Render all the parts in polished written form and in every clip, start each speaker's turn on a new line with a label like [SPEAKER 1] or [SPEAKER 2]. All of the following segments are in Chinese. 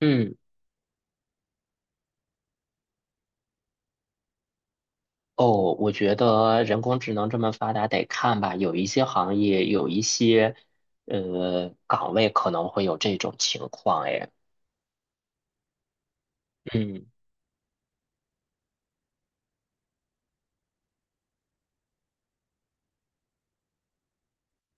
[SPEAKER 1] 嗯，哦，我觉得人工智能这么发达，得看吧。有一些行业，有一些岗位可能会有这种情况。哎，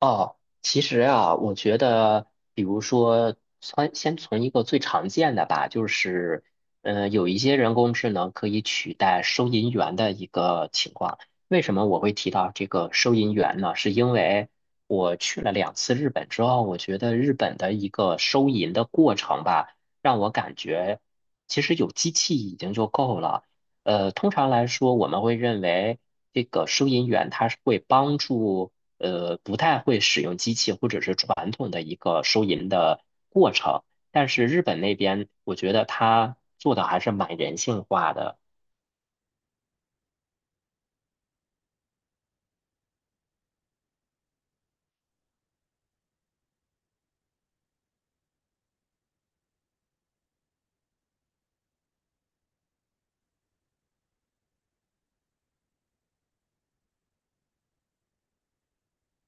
[SPEAKER 1] 哦，其实啊，我觉得，比如说，存先从一个最常见的吧，就是,有一些人工智能可以取代收银员的一个情况。为什么我会提到这个收银员呢？是因为我去了两次日本之后，我觉得日本的一个收银的过程吧，让我感觉其实有机器已经就够了。通常来说，我们会认为这个收银员他是会帮助。不太会使用机器或者是传统的一个收银的过程。但是日本那边，我觉得他做的还是蛮人性化的。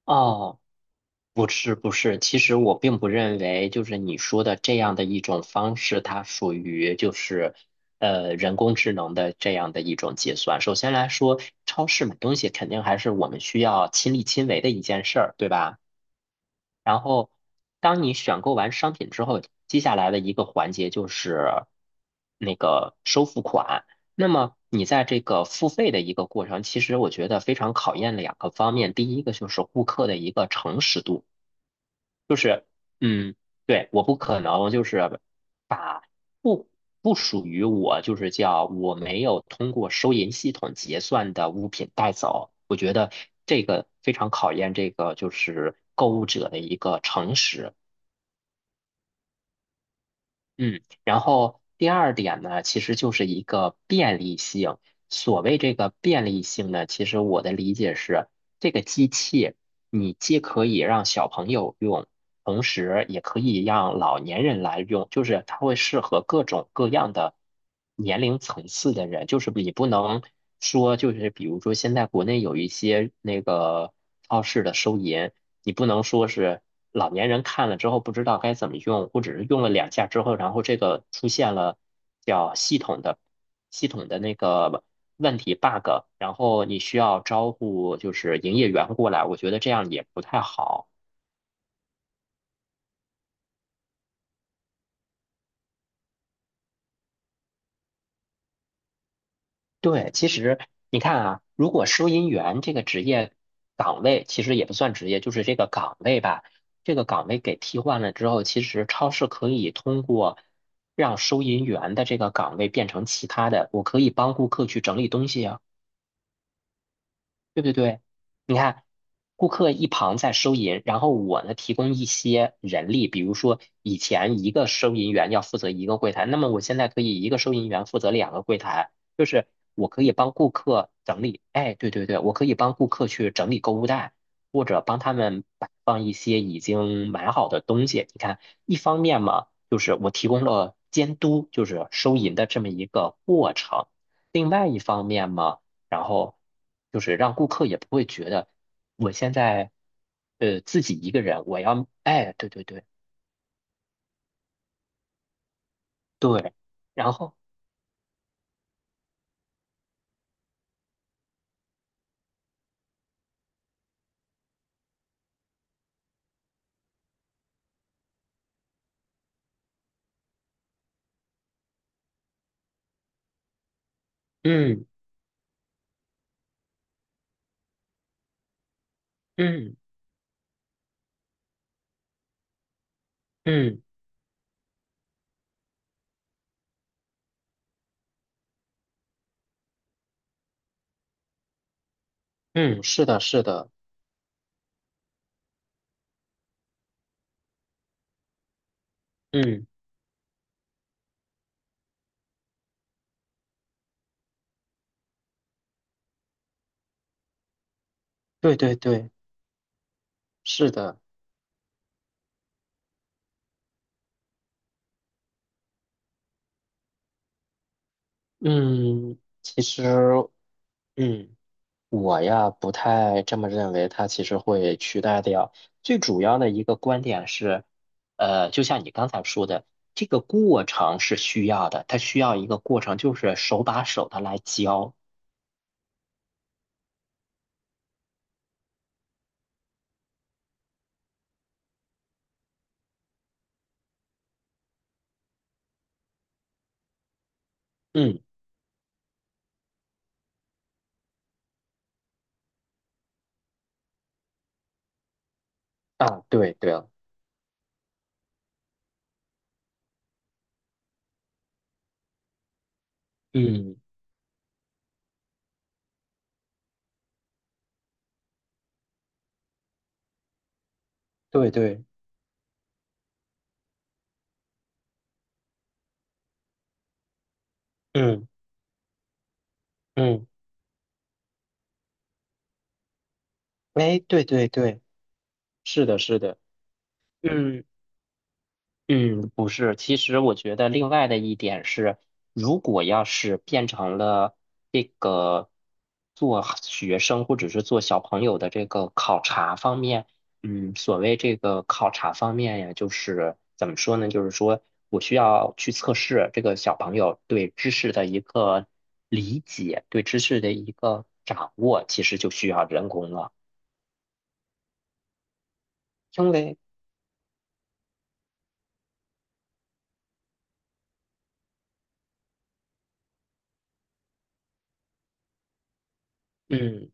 [SPEAKER 1] 哦，不是不是，其实我并不认为就是你说的这样的一种方式，它属于就是人工智能的这样的一种结算。首先来说，超市买东西肯定还是我们需要亲力亲为的一件事儿，对吧？然后，当你选购完商品之后，接下来的一个环节就是那个收付款。那么你在这个付费的一个过程，其实我觉得非常考验两个方面。第一个就是顾客的一个诚实度。就是，嗯，对，我不可能就是把不不属于我，就是叫我没有通过收银系统结算的物品带走。我觉得这个非常考验这个就是购物者的一个诚实。嗯，然后第二点呢，其实就是一个便利性。所谓这个便利性呢，其实我的理解是，这个机器你既可以让小朋友用，同时也可以让老年人来用，就是它会适合各种各样的年龄层次的人。就是你不能说，就是比如说现在国内有一些那个超市的收银，你不能说是老年人看了之后不知道该怎么用，或者是用了两下之后，然后这个出现了叫系统的那个问题 bug,然后你需要招呼就是营业员过来，我觉得这样也不太好。对，其实你看啊，如果收银员这个职业岗位，其实也不算职业，就是这个岗位吧。这个岗位给替换了之后，其实超市可以通过让收银员的这个岗位变成其他的，我可以帮顾客去整理东西啊。对对对，你看，顾客一旁在收银，然后我呢提供一些人力，比如说以前一个收银员要负责一个柜台，那么我现在可以一个收银员负责两个柜台，就是我可以帮顾客整理，哎，对对对，我可以帮顾客去整理购物袋，或者帮他们摆放一些已经买好的东西。你看，一方面嘛，就是我提供了监督，就是收银的这么一个过程。另外一方面嘛，然后就是让顾客也不会觉得我现在自己一个人，我要哎，对对对对，然后嗯嗯嗯嗯，是的，是的，嗯，对对对，是的，嗯，其实嗯。我呀，不太这么认为，它其实会取代掉。最主要的一个观点是，就像你刚才说的，这个过程是需要的，它需要一个过程，就是手把手的来教。嗯，啊，对对，嗯，对对，嗯嗯，哎，对对对，是的，是的，嗯。嗯，不是。其实我觉得另外的一点是，如果要是变成了这个做学生或者是做小朋友的这个考察方面，嗯，所谓这个考察方面呀，就是怎么说呢？就是说我需要去测试这个小朋友对知识的一个理解，对知识的一个掌握，其实就需要人工了，因为。嗯，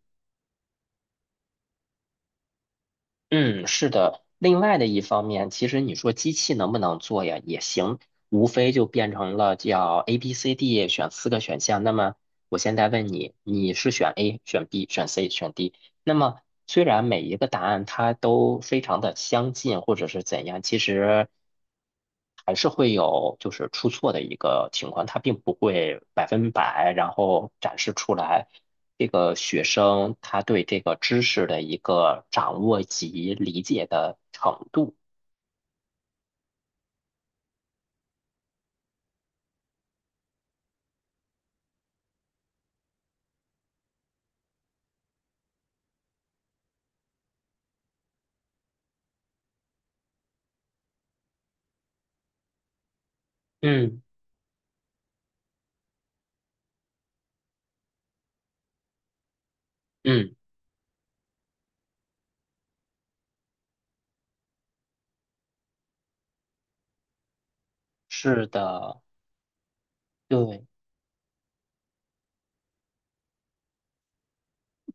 [SPEAKER 1] 嗯，是的。另外的一方面，其实你说机器能不能做呀？也行，无非就变成了叫 A、B、C、D 选四个选项。那么我现在问你，你是选 A、选 B、选 C、选 D?那么，虽然每一个答案它都非常的相近，或者是怎样，其实还是会有就是出错的一个情况，它并不会百分百，然后展示出来这个学生他对这个知识的一个掌握及理解的程度。嗯嗯，是的，对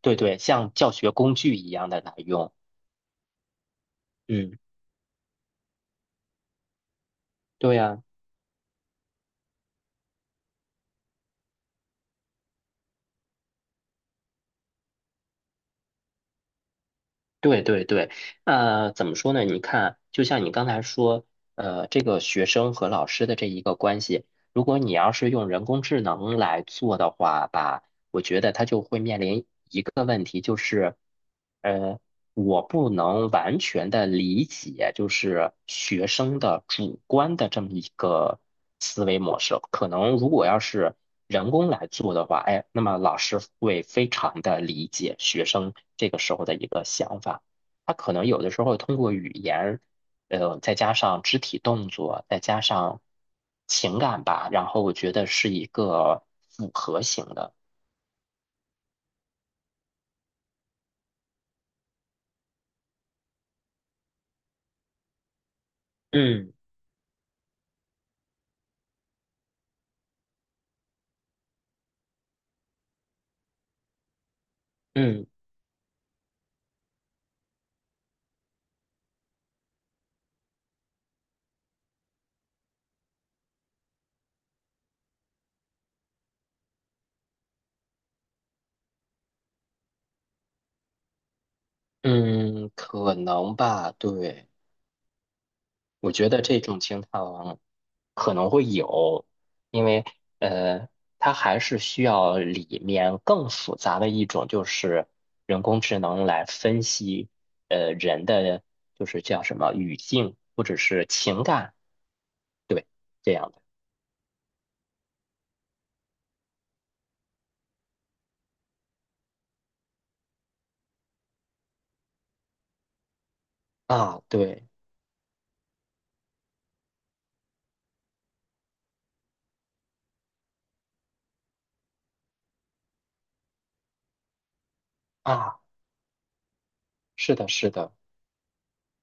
[SPEAKER 1] 对对，像教学工具一样的来用。嗯，对呀。对对对，怎么说呢？你看，就像你刚才说，这个学生和老师的这一个关系，如果你要是用人工智能来做的话吧，我觉得它就会面临一个问题，就是。呃。我不能完全的理解，就是学生的主观的这么一个思维模式。可能如果要是人工来做的话，哎，那么老师会非常的理解学生这个时候的一个想法。他可能有的时候通过语言，再加上肢体动作，再加上情感吧，然后我觉得是一个复合型的。嗯嗯嗯，可能吧，对。我觉得这种情况可能会有，因为呃，它还是需要里面更复杂的一种，就是人工智能来分析人的就是叫什么语境或者是情感，对，这样的啊，对啊，是的，是的，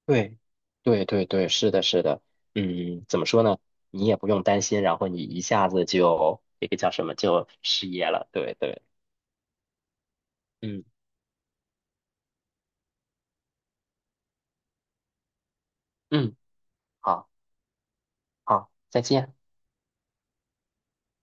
[SPEAKER 1] 对，对对对，是的，是的，嗯，怎么说呢？你也不用担心，然后你一下子就这个叫什么就失业了，对对，嗯嗯。好。好，再见。